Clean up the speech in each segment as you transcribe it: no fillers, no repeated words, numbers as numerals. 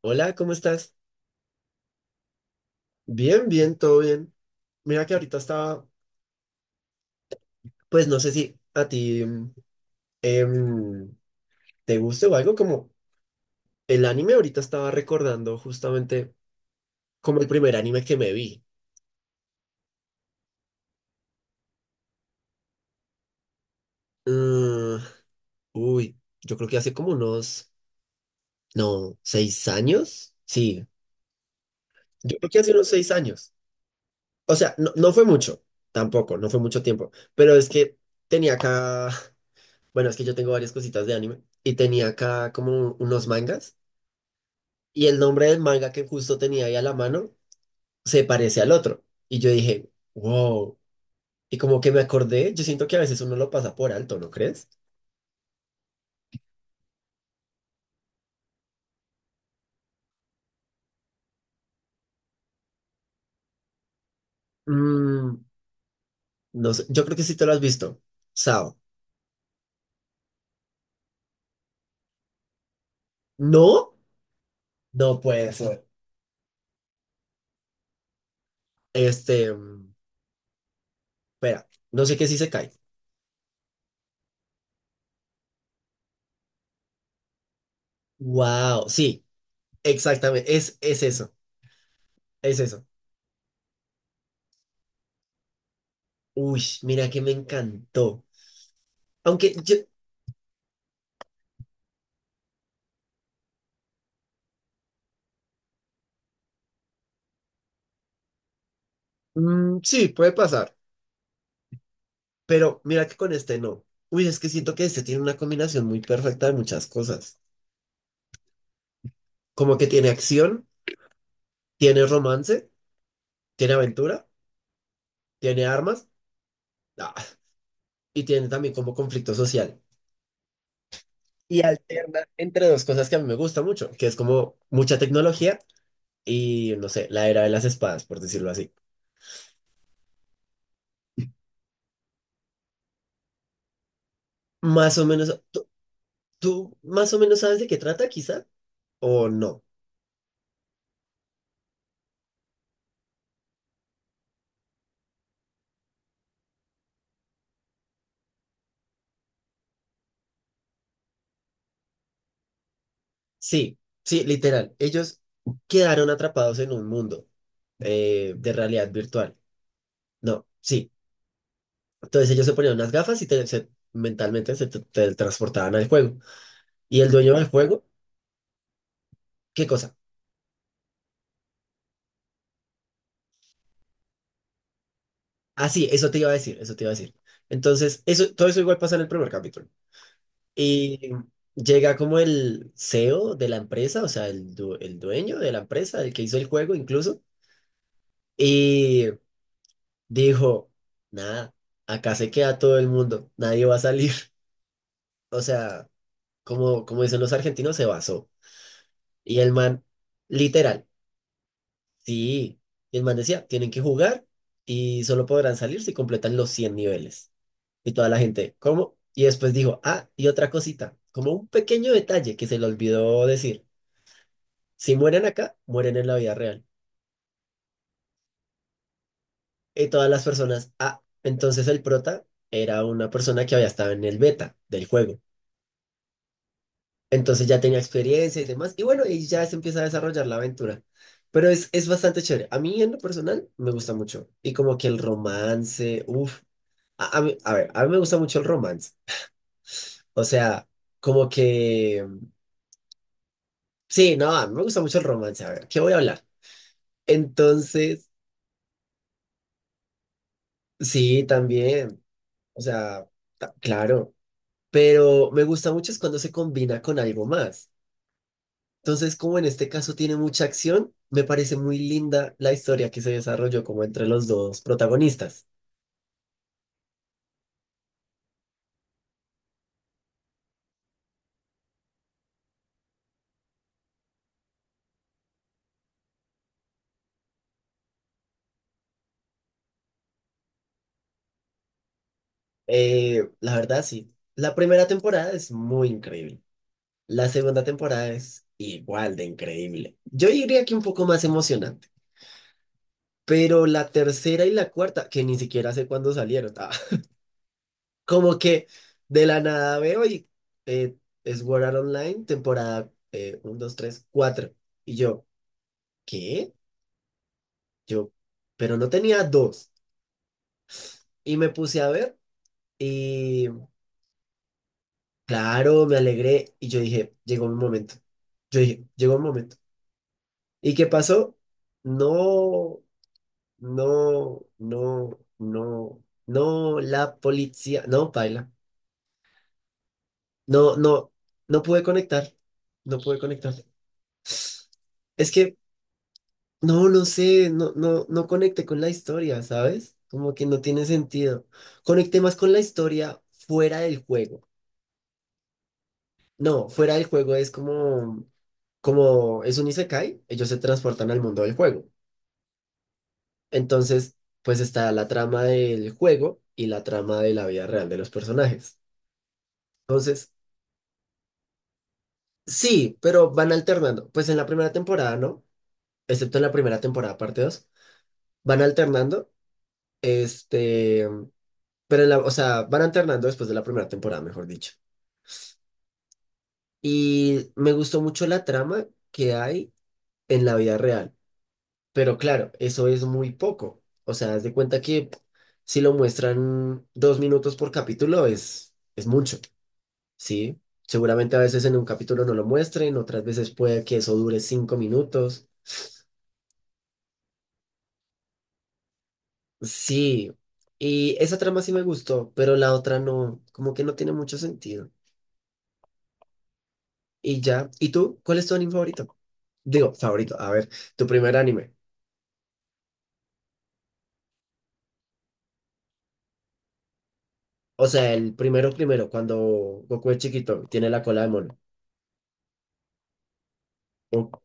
Hola, ¿cómo estás? Bien, bien, todo bien. Mira que ahorita estaba, pues no sé si a ti em, te guste o algo como el anime, ahorita estaba recordando justamente como el primer anime que me vi. Mm, Uy, yo creo que hace como unos, no, 6 años. Sí, yo creo que hace unos 6 años. O sea, no, no fue mucho, tampoco, no fue mucho tiempo, pero es que tenía acá, bueno, es que yo tengo varias cositas de anime y tenía acá como unos mangas. Y el nombre del manga que justo tenía ahí a la mano se parece al otro. Y yo dije, wow. Y como que me acordé, yo siento que a veces uno lo pasa por alto, ¿no crees? Mm, no sé, yo creo que sí te lo has visto. Sao. No, no puede ser. Este, espera, no sé qué si se cae. Wow, sí, exactamente, es eso, es eso. Uy, mira que me encantó. Aunque yo, sí, puede pasar. Pero mira que con este no. Uy, es que siento que este tiene una combinación muy perfecta de muchas cosas. Como que tiene acción, tiene romance, tiene aventura, tiene armas, ah, y tiene también como conflicto social. Y alterna entre dos cosas que a mí me gusta mucho, que es como mucha tecnología y, no sé, la era de las espadas, por decirlo así. Más o menos, ¿tú más o menos sabes de qué trata, quizá? ¿O no? Sí, sí, literal. Ellos quedaron atrapados en un mundo de realidad virtual. No, sí. Entonces ellos se ponían unas gafas y mentalmente teletransportaban al juego. Y el dueño del juego, ¿qué cosa? Ah, sí, eso te iba a decir, eso te iba a decir. Entonces, eso, todo eso igual pasa en el primer capítulo. Y llega como el CEO de la empresa, o sea, el dueño de la empresa, el que hizo el juego incluso, y dijo, nada, acá se queda todo el mundo, nadie va a salir. O sea, como dicen los argentinos, se basó. Y el man... Literal, sí, y el man decía, tienen que jugar y solo podrán salir si completan los 100 niveles. Y toda la gente, ¿cómo? Y después dijo, ah, y otra cosita, como un pequeño detalle que se le olvidó decir, si mueren acá, mueren en la vida real. Y todas las personas, ah, entonces el prota era una persona que había estado en el beta del juego. Entonces ya tenía experiencia y demás. Y bueno, y ya se empieza a desarrollar la aventura. Pero es bastante chévere. A mí en lo personal me gusta mucho. Y como que el romance, uff. A ver, a mí me gusta mucho el romance. O sea, como que... Sí, no, a mí me gusta mucho el romance. A ver, ¿qué voy a hablar? Entonces, sí, también. O sea, claro. Pero me gusta mucho es cuando se combina con algo más. Entonces, como en este caso tiene mucha acción, me parece muy linda la historia que se desarrolló como entre los dos protagonistas. La verdad, sí. La primera temporada es muy increíble. La segunda temporada es igual de increíble. Yo diría que un poco más emocionante, pero la tercera y la cuarta, que ni siquiera sé cuándo salieron, ah, como que de la nada veo y eh, es Sword Art Online, temporada uno 2 3 cuatro. Y yo, ¿qué? Yo, pero no tenía dos. Y me puse a ver y claro, me alegré y yo dije, llegó mi momento. Yo dije, llegó el momento. ¿Y qué pasó? No. No, no, no, no, la policía, no, paila, no, no, no pude conectar, no pude conectar. Es que, no, no sé, no, no, no conecté con la historia, ¿sabes? Como que no tiene sentido. Conecté más con la historia fuera del juego. No, fuera del juego es como, como es un isekai, ellos se transportan al mundo del juego. Entonces, pues está la trama del juego y la trama de la vida real de los personajes. Entonces, sí, pero van alternando. Pues en la primera temporada, ¿no? Excepto en la primera temporada, parte 2, van alternando. Este, pero o sea, van alternando después de la primera temporada, mejor dicho. Y me gustó mucho la trama que hay en la vida real. Pero claro, eso es muy poco. O sea, haz de cuenta que si lo muestran 2 minutos por capítulo es mucho, ¿sí? Seguramente a veces en un capítulo no lo muestren, otras veces puede que eso dure 5 minutos. Sí, y esa trama sí me gustó, pero la otra no, como que no tiene mucho sentido. Y ya, ¿y tú? ¿Cuál es tu anime favorito? Digo, favorito, a ver, tu primer anime. O sea, el primero primero, cuando Goku es chiquito, tiene la cola de mono. Ok.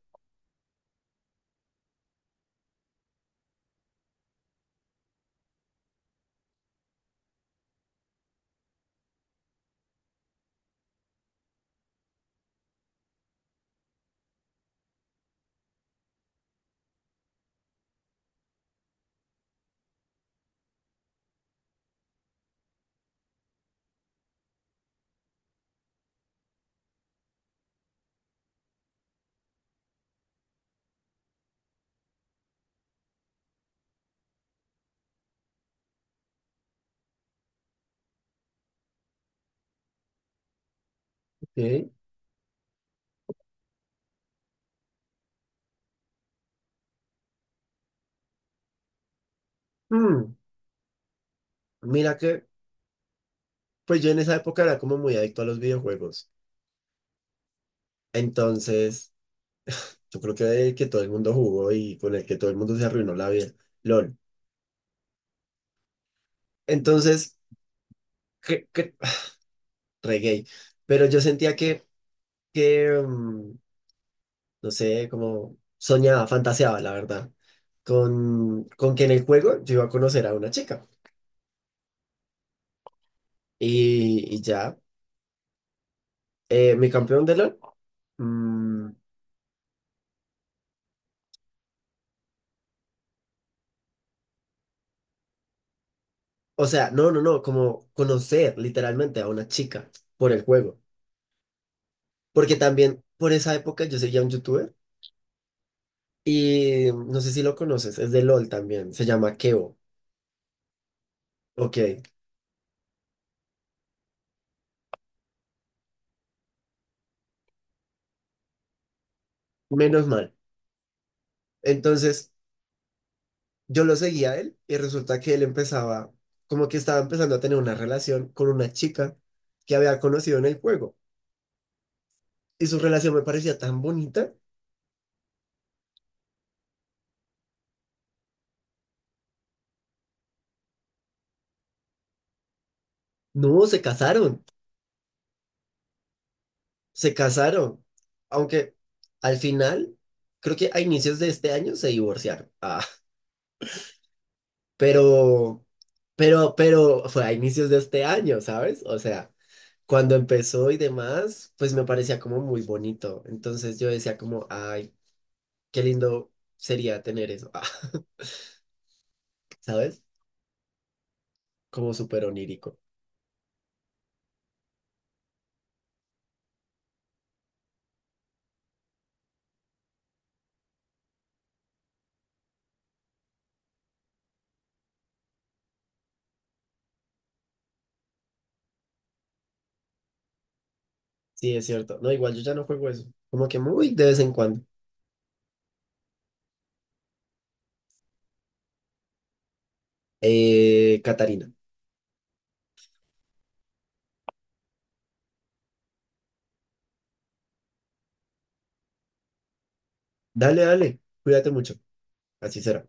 Mm, Mira que, pues yo en esa época era como muy adicto a los videojuegos. Entonces, yo creo que el que todo el mundo jugó y con el que todo el mundo se arruinó la vida. LOL. Entonces, que, que, re gay. Pero yo sentía que no sé, como soñaba, fantaseaba, la verdad, con que en el juego yo iba a conocer a una chica. Y ya, mi campeón de LOL, mm, o sea, no, no, no, como conocer literalmente a una chica por el juego. Porque también por esa época yo seguía a un youtuber y no sé si lo conoces, es de LOL también, se llama Keo. Ok, menos mal. Entonces, yo lo seguía a él y resulta que él empezaba, como que estaba empezando a tener una relación con una chica que había conocido en el juego. Y su relación me parecía tan bonita. No, se casaron, se casaron. Aunque al final, creo que a inicios de este año se divorciaron. Ah, pero, pero fue a inicios de este año, ¿sabes? O sea, cuando empezó y demás, pues me parecía como muy bonito. Entonces yo decía como, ay, qué lindo sería tener eso. Ah. ¿Sabes? Como súper onírico. Sí, es cierto. No, igual yo ya no juego eso. Como que muy de vez en cuando. Catarina. Dale, dale. Cuídate mucho. Así será.